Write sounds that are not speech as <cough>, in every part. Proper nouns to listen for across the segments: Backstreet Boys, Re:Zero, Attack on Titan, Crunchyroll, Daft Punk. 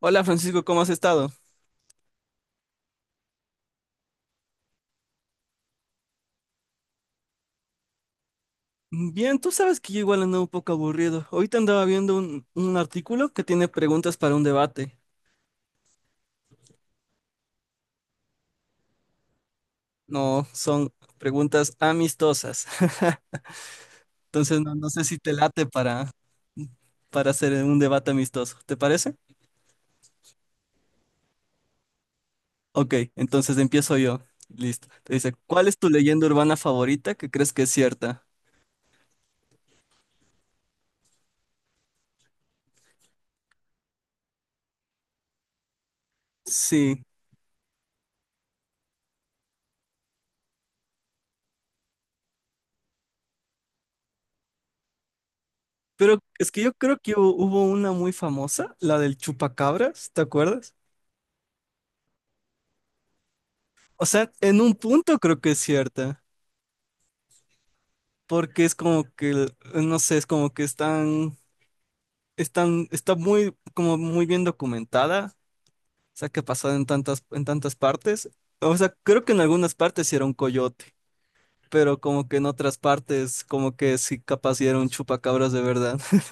Hola Francisco, ¿cómo has estado? Bien, tú sabes que yo igual ando un poco aburrido. Ahorita andaba viendo un artículo que tiene preguntas para un debate. No, son preguntas amistosas. <laughs> Entonces no sé si te late para hacer un debate amistoso. ¿Te parece? Ok, entonces empiezo yo. Listo. Te dice, ¿cuál es tu leyenda urbana favorita que crees que es cierta? Sí, pero es que yo creo que hubo una muy famosa, la del chupacabras, ¿te acuerdas? O sea, en un punto creo que es cierta, porque es como que, no sé, es como que está muy, como muy bien documentada. O sea, que ha pasado en tantas partes. O sea, creo que en algunas partes sí era un coyote, pero como que en otras partes, como que sí capaz sí era un chupacabras de verdad. <laughs>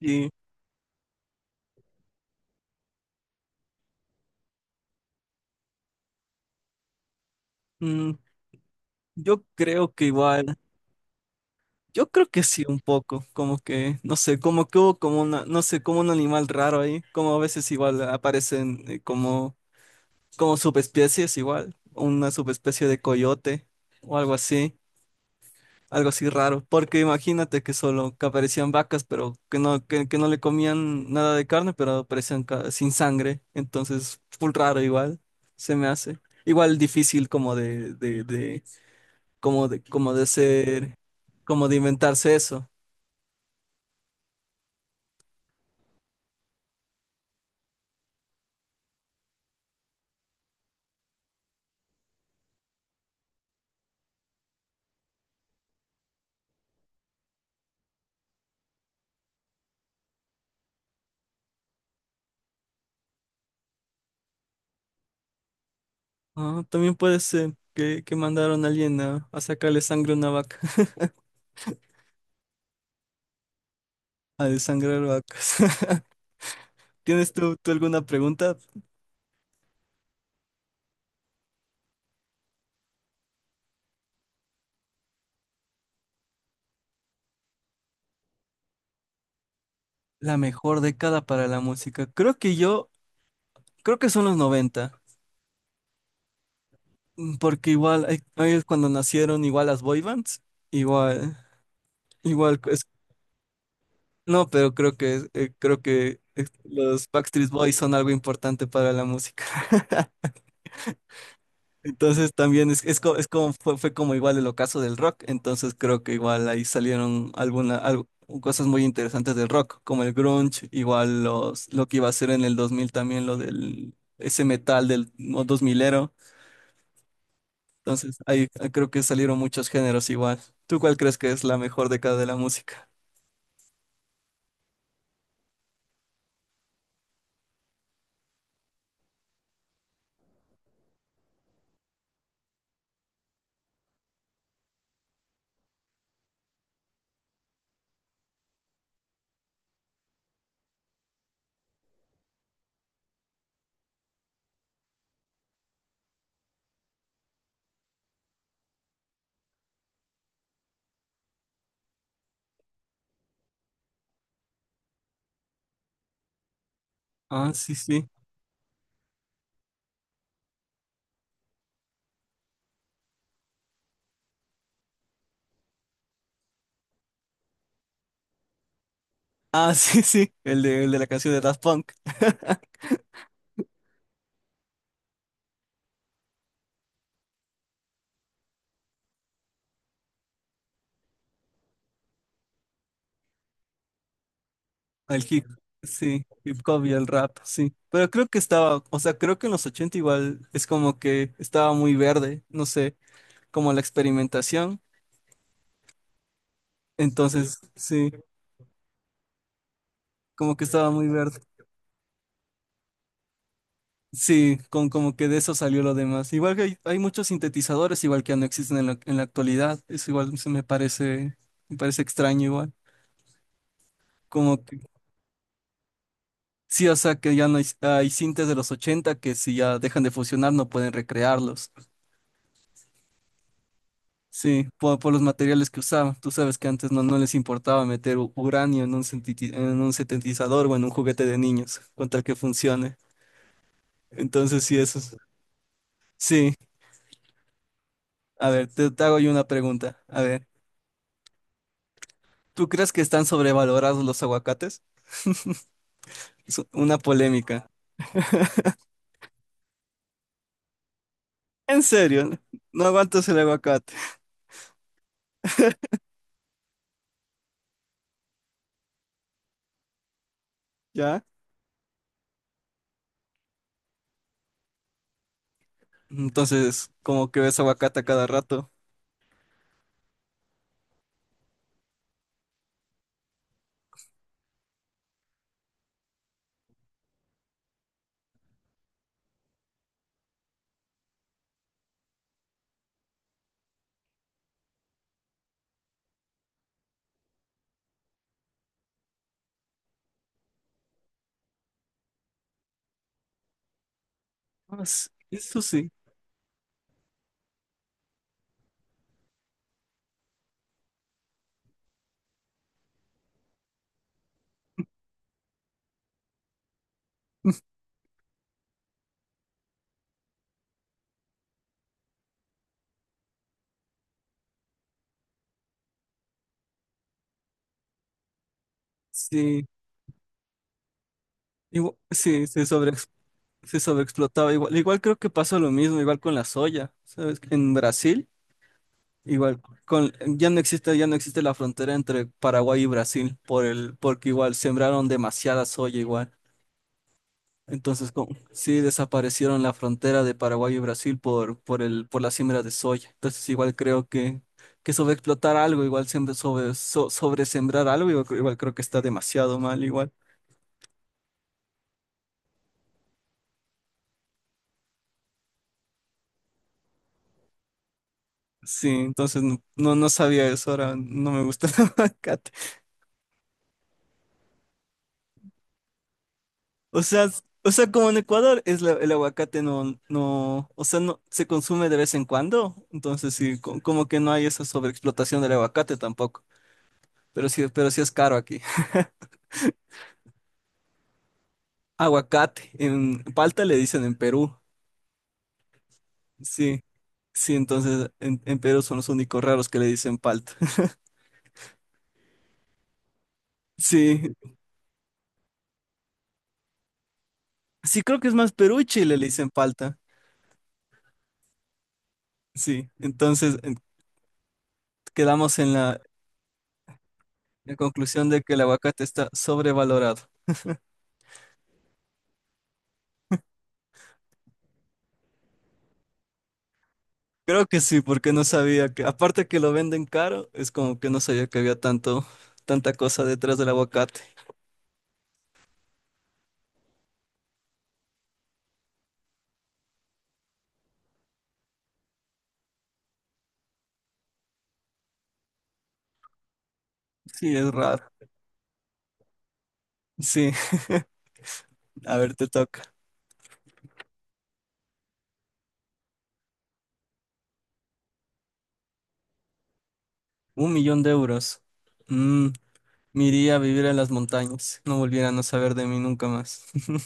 Y mm, yo creo que igual, yo creo que sí un poco, como que, no sé, como que hubo como una, no sé, como un animal raro ahí, como a veces igual aparecen como subespecies igual, una subespecie de coyote o algo así, raro, porque imagínate que solo que aparecían vacas, pero que no, que no le comían nada de carne, pero aparecían sin sangre, entonces full raro igual, se me hace. Igual difícil como de ser, como de inventarse eso. Ah, también puede ser que mandaron a alguien a sacarle sangre a una vaca, <laughs> a desangrar vacas. <laughs> ¿Tienes tú alguna pregunta? La mejor década para la música. Creo que son los noventa. Porque igual ahí es cuando nacieron igual las boy bands. igual, igual, es- no, pero creo que los Backstreet Boys son algo importante para la música. <laughs> Entonces también es como, fue como igual el ocaso del rock, entonces creo que igual ahí salieron cosas muy interesantes del rock, como el grunge, igual lo que iba a ser en el 2000 también, ese metal del dos milero. Entonces, ahí creo que salieron muchos géneros igual. ¿Tú cuál crees que es la mejor década de la música? Ah, sí, sí. Ah, <laughs> sí, sí. El de la canción de Daft Punk. <laughs> El hip, sí, hip hop y el rap, sí. Pero creo que estaba, o sea, creo que en los 80 igual es como que estaba muy verde, no sé, como la experimentación. Entonces, sí, como que estaba muy verde. Sí, como que de eso salió lo demás. Igual que hay muchos sintetizadores, igual que ya no existen en la actualidad. Eso igual me parece extraño igual. Como que sí, o sea que ya no hay sintes de los 80 que si ya dejan de funcionar no pueden recrearlos. Sí, por los materiales que usaban. Tú sabes que antes no les importaba meter uranio en un sintetizador o en un juguete de niños, con tal que funcione. Entonces sí. Sí, a ver, te hago yo una pregunta. A ver. ¿Tú crees que están sobrevalorados los aguacates? Es una polémica. En serio, no aguantas el aguacate, ¿ya? Entonces, como que ves aguacate a cada rato. Ah, eso sí, sí, sí, se sobreexplotaba. Igual creo que pasó lo mismo, igual con la soya, ¿sabes? En Brasil, igual con, ya no existe, la frontera entre Paraguay y Brasil por el, porque igual sembraron demasiada soya igual. Entonces, sí desaparecieron la frontera de Paraguay y Brasil por la siembra de soya. Entonces, igual creo que sobreexplotar algo, igual siempre sobresembrar algo, igual, creo que está demasiado mal, igual. Sí, entonces no sabía eso, ahora no me gusta <laughs> el aguacate. O sea, como en Ecuador es el aguacate o sea, no se consume de vez en cuando, entonces sí, como que no hay esa sobreexplotación del aguacate tampoco, pero sí es caro aquí. Aguacate, en palta le dicen en Perú. Sí, sí, entonces en Perú son los únicos raros que le dicen palta. <laughs> Sí, sí, creo que es más Perú y Chile le dicen palta. Sí, entonces quedamos en la conclusión de que el aguacate está sobrevalorado. Creo que sí, porque no sabía que, aparte que lo venden caro, es como que no sabía que había tanta cosa detrás del aguacate. Sí, es raro. Sí, <laughs> a ver, te toca. 1 millón de euros. mm, Me iría a vivir a las montañas, no volvieran a no saber de mí nunca más. <laughs>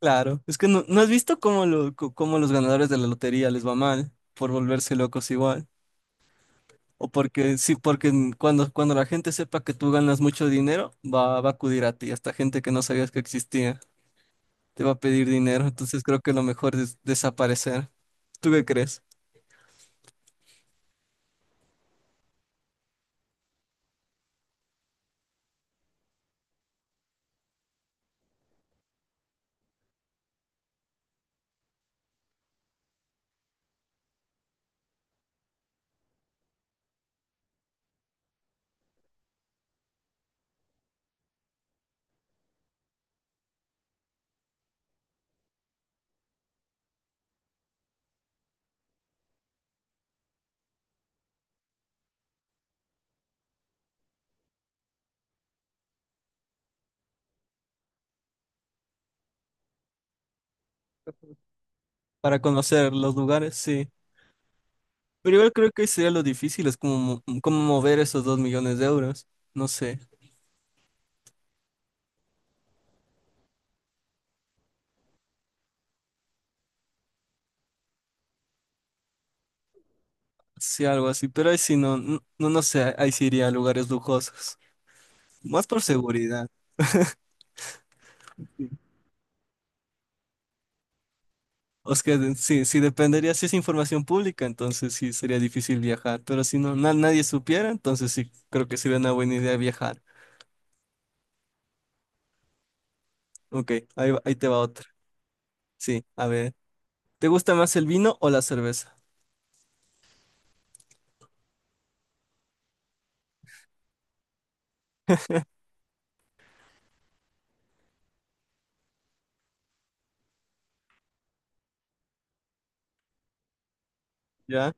Claro, es que no, ¿no has visto cómo los ganadores de la lotería les va mal por volverse locos igual? O porque sí, porque cuando la gente sepa que tú ganas mucho dinero, va a acudir a ti, hasta gente que no sabías que existía, te va a pedir dinero, entonces creo que lo mejor es desaparecer. ¿Tú qué crees? Para conocer los lugares, sí. Pero igual creo que sería lo difícil, es como, como mover esos 2 millones de euros, no sé. Sí, algo así, pero ahí sí no sé, ahí sí iría a lugares lujosos, más por seguridad. Sí. O es que sí, dependería si es información pública, entonces sí sería difícil viajar, pero si no, nadie supiera, entonces sí, creo que sería una buena idea viajar. Ok, ahí te va otra. Sí, a ver, ¿te gusta más el vino o la cerveza? ¿Ya?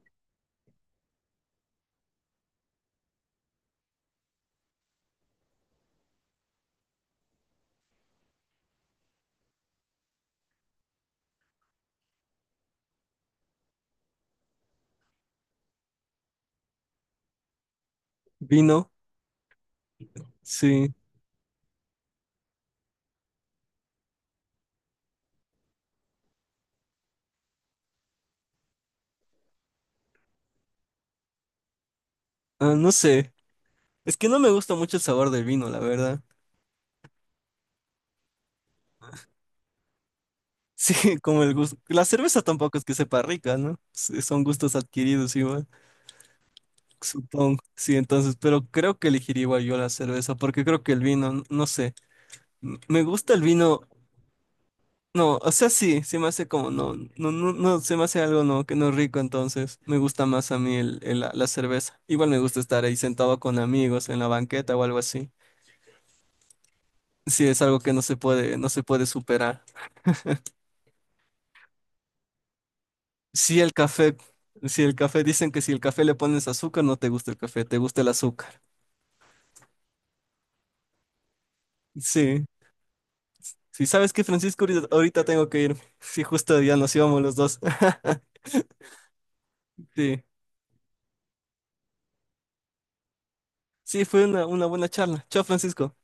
¿Vino? Sí, no sé, es que no me gusta mucho el sabor del vino, la verdad. Sí, <laughs> como el gusto. La cerveza tampoco es que sepa rica, ¿no? Sí, son gustos adquiridos igual. Supongo, sí, entonces, pero creo que elegiría igual yo la cerveza, porque creo que el vino, no sé, me gusta el vino, no, o sea, sí, se me hace como, no, no, no, no, se me hace algo, no, que no es rico, entonces, me gusta más a mí la cerveza. Igual me gusta estar ahí sentado con amigos en la banqueta o algo así. Sí, es algo que no se puede superar. Sí, el café, si el café, dicen que si el café le pones azúcar, no te gusta el café, te gusta el azúcar. Sí. Si sabes que Francisco, ahorita tengo que irme. Sí, justo ya nos íbamos los dos. <laughs> Sí, sí, fue una buena charla. Chao, Francisco.